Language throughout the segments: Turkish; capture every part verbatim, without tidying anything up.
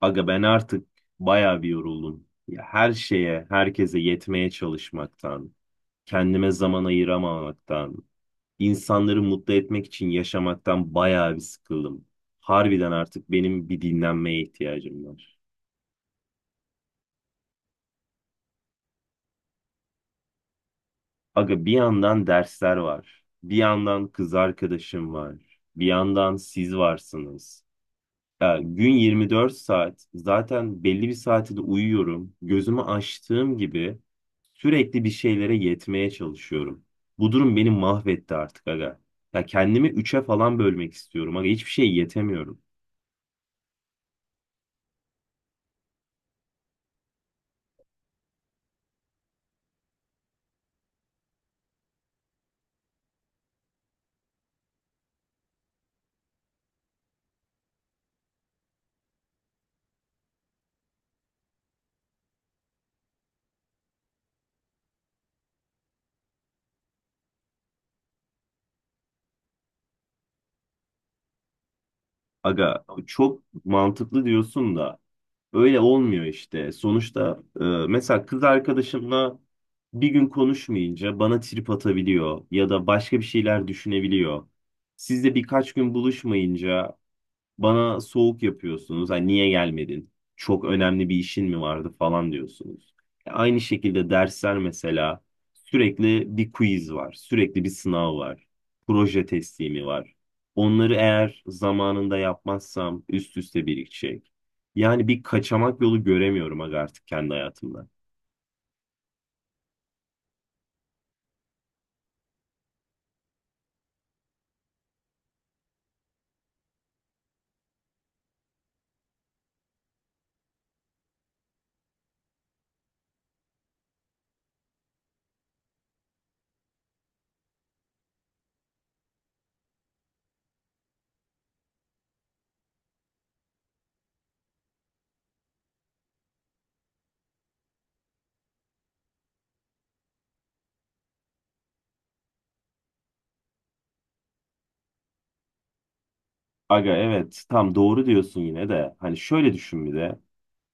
Aga ben artık bayağı bir yoruldum. Ya her şeye, herkese yetmeye çalışmaktan, kendime zaman ayıramamaktan, insanları mutlu etmek için yaşamaktan bayağı bir sıkıldım. Harbiden artık benim bir dinlenmeye ihtiyacım var. Aga bir yandan dersler var, bir yandan kız arkadaşım var, bir yandan siz varsınız. Ya gün yirmi dört saat zaten belli bir saati de uyuyorum. Gözümü açtığım gibi sürekli bir şeylere yetmeye çalışıyorum. Bu durum beni mahvetti artık aga. Ya kendimi üçe falan bölmek istiyorum aga. Hiçbir şey yetemiyorum. Aga çok mantıklı diyorsun da öyle olmuyor işte. Sonuçta e, mesela kız arkadaşımla bir gün konuşmayınca bana trip atabiliyor ya da başka bir şeyler düşünebiliyor. Sizle birkaç gün buluşmayınca bana soğuk yapıyorsunuz. Hani niye gelmedin? Çok önemli bir işin mi vardı falan diyorsunuz. E, Aynı şekilde dersler mesela sürekli bir quiz var. Sürekli bir sınav var. Proje teslimi var. Onları eğer zamanında yapmazsam üst üste birikecek. Yani bir kaçamak yolu göremiyorum aga artık kendi hayatımda. Aga evet tam doğru diyorsun yine de. Hani şöyle düşün bir de.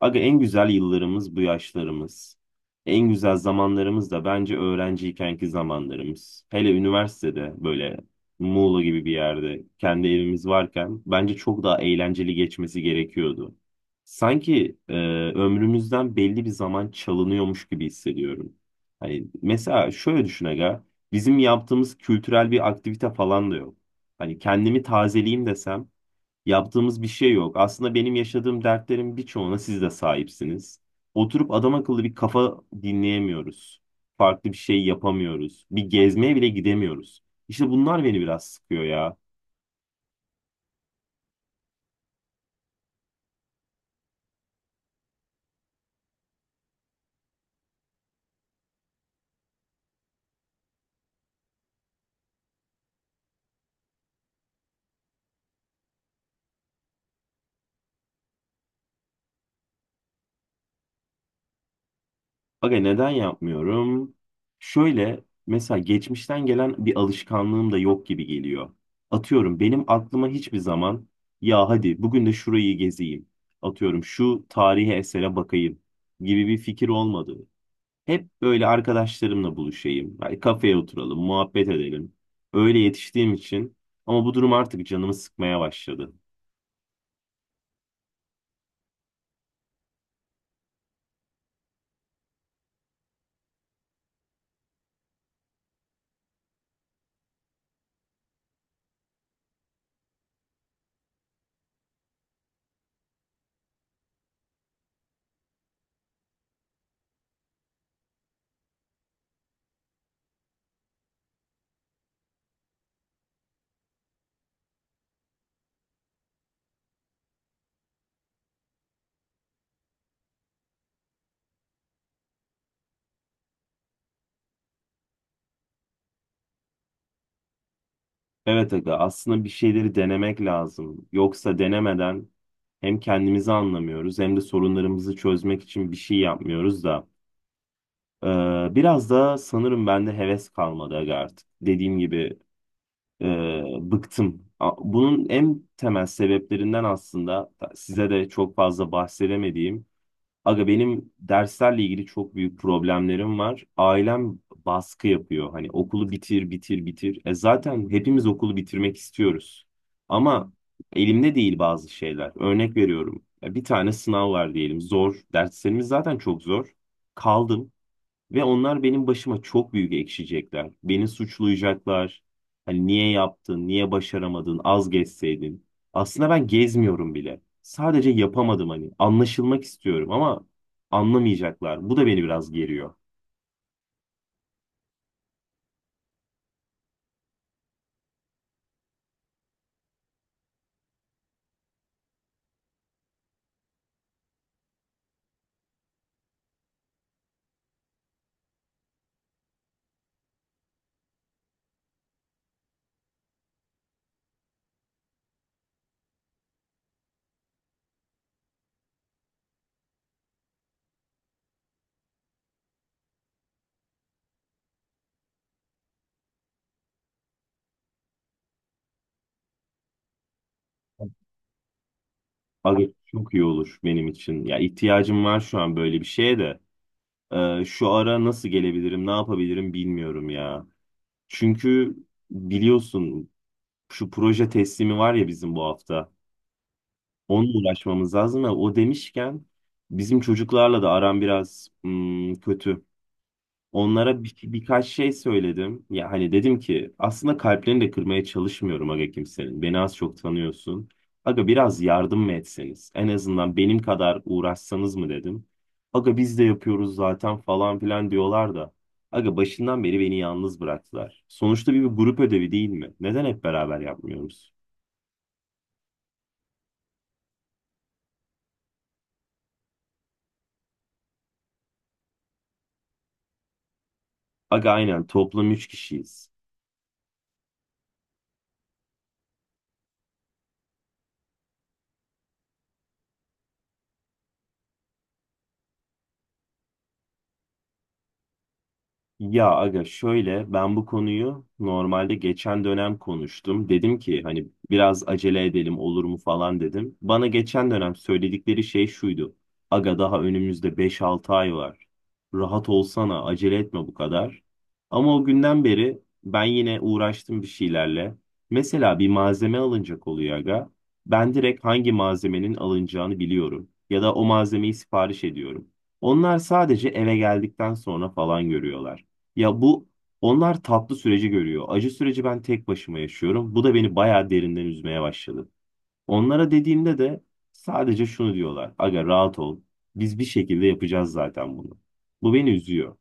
Aga en güzel yıllarımız bu yaşlarımız. En güzel zamanlarımız da bence öğrenciykenki zamanlarımız. Hele üniversitede böyle Muğla gibi bir yerde kendi evimiz varken bence çok daha eğlenceli geçmesi gerekiyordu. Sanki e, ömrümüzden belli bir zaman çalınıyormuş gibi hissediyorum. Hani mesela şöyle düşün aga, bizim yaptığımız kültürel bir aktivite falan da yok. Hani kendimi tazeleyeyim desem yaptığımız bir şey yok. Aslında benim yaşadığım dertlerin birçoğuna siz de sahipsiniz. Oturup adam akıllı bir kafa dinleyemiyoruz. Farklı bir şey yapamıyoruz. Bir gezmeye bile gidemiyoruz. İşte bunlar beni biraz sıkıyor ya. Aga neden yapmıyorum? Şöyle mesela geçmişten gelen bir alışkanlığım da yok gibi geliyor. Atıyorum benim aklıma hiçbir zaman ya hadi bugün de şurayı gezeyim, atıyorum şu tarihi esere bakayım gibi bir fikir olmadı. Hep böyle arkadaşlarımla buluşayım. Hani kafeye oturalım, muhabbet edelim. Öyle yetiştiğim için, ama bu durum artık canımı sıkmaya başladı. Evet aga aslında bir şeyleri denemek lazım. Yoksa denemeden hem kendimizi anlamıyoruz hem de sorunlarımızı çözmek için bir şey yapmıyoruz da. Ee, Biraz da sanırım bende heves kalmadı aga artık. Dediğim gibi e, bıktım. A- Bunun en temel sebeplerinden aslında size de çok fazla bahsedemediğim, aga benim derslerle ilgili çok büyük problemlerim var. Ailem baskı yapıyor. Hani okulu bitir, bitir, bitir. E zaten hepimiz okulu bitirmek istiyoruz. Ama elimde değil bazı şeyler. Örnek veriyorum. Ya bir tane sınav var diyelim. Zor. Derslerimiz zaten çok zor. Kaldım. Ve onlar benim başıma çok büyük ekşiyecekler. Beni suçlayacaklar. Hani niye yaptın, niye başaramadın, az gezseydin. Aslında ben gezmiyorum bile. Sadece yapamadım hani. Anlaşılmak istiyorum ama anlamayacaklar. Bu da beni biraz geriyor. Aga çok iyi olur benim için. Ya ihtiyacım var şu an böyle bir şeye de. Ee, şu ara nasıl gelebilirim, ne yapabilirim bilmiyorum ya. Çünkü biliyorsun şu proje teslimi var ya bizim bu hafta. Onunla uğraşmamız lazım ama o demişken bizim çocuklarla da aram biraz hmm, kötü. Onlara bir, birkaç şey söyledim. Ya hani dedim ki aslında kalplerini de kırmaya çalışmıyorum aga kimsenin. Beni az çok tanıyorsun. Aga biraz yardım mı etseniz? En azından benim kadar uğraşsanız mı dedim. Aga biz de yapıyoruz zaten falan filan diyorlar da. Aga başından beri beni yalnız bıraktılar. Sonuçta bir, bir grup ödevi değil mi? Neden hep beraber yapmıyoruz? Aga aynen toplam üç kişiyiz. Ya aga şöyle ben bu konuyu normalde geçen dönem konuştum. Dedim ki hani biraz acele edelim olur mu falan dedim. Bana geçen dönem söyledikleri şey şuydu. Aga daha önümüzde beş altı ay var. Rahat olsana acele etme bu kadar. Ama o günden beri ben yine uğraştım bir şeylerle. Mesela bir malzeme alınacak oluyor aga. Ben direkt hangi malzemenin alınacağını biliyorum. Ya da o malzemeyi sipariş ediyorum. Onlar sadece eve geldikten sonra falan görüyorlar. Ya bu, onlar tatlı süreci görüyor. Acı süreci ben tek başıma yaşıyorum. Bu da beni bayağı derinden üzmeye başladı. Onlara dediğimde de sadece şunu diyorlar. Aga rahat ol. Biz bir şekilde yapacağız zaten bunu. Bu beni üzüyor.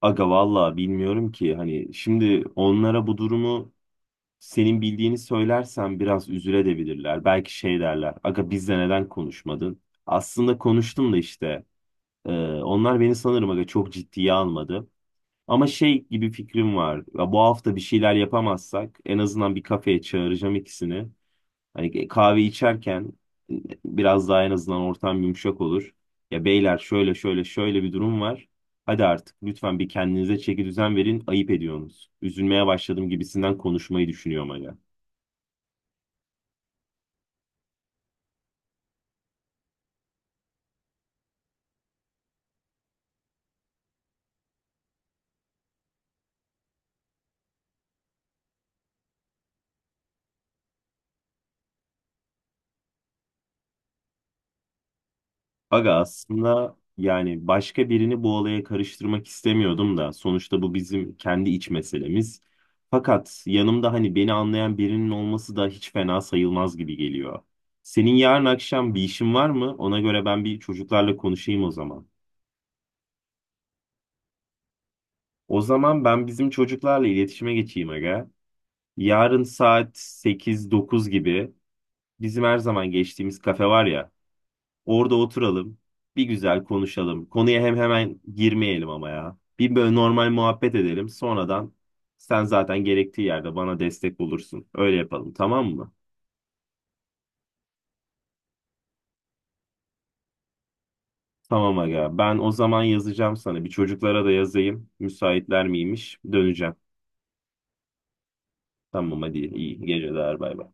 Aga vallahi bilmiyorum ki hani şimdi onlara bu durumu senin bildiğini söylersen biraz üzülebilirler. Belki şey derler. Aga bizle neden konuşmadın? Aslında konuştum da işte. e, Onlar beni sanırım aga çok ciddiye almadı. Ama şey gibi fikrim var. Ya bu hafta bir şeyler yapamazsak en azından bir kafeye çağıracağım ikisini. Hani e, kahve içerken e, biraz daha en azından ortam yumuşak olur. Ya beyler şöyle şöyle şöyle bir durum var. Hadi artık lütfen bir kendinize çeki düzen verin. Ayıp ediyorsunuz. Üzülmeye başladım gibisinden konuşmayı düşünüyorum hala. Aga aslında yani başka birini bu olaya karıştırmak istemiyordum da sonuçta bu bizim kendi iç meselemiz. Fakat yanımda hani beni anlayan birinin olması da hiç fena sayılmaz gibi geliyor. Senin yarın akşam bir işin var mı? Ona göre ben bir çocuklarla konuşayım o zaman. O zaman ben bizim çocuklarla iletişime geçeyim aga. Yarın saat sekiz dokuz gibi bizim her zaman geçtiğimiz kafe var ya. Orada oturalım. Bir güzel konuşalım. Konuya hem hemen girmeyelim ama ya. Bir böyle normal muhabbet edelim. Sonradan sen zaten gerektiği yerde bana destek olursun. Öyle yapalım tamam mı? Tamam aga. Ben o zaman yazacağım sana. Bir çocuklara da yazayım. Müsaitler miymiş? Döneceğim. Tamam hadi iyi geceler, bay bay.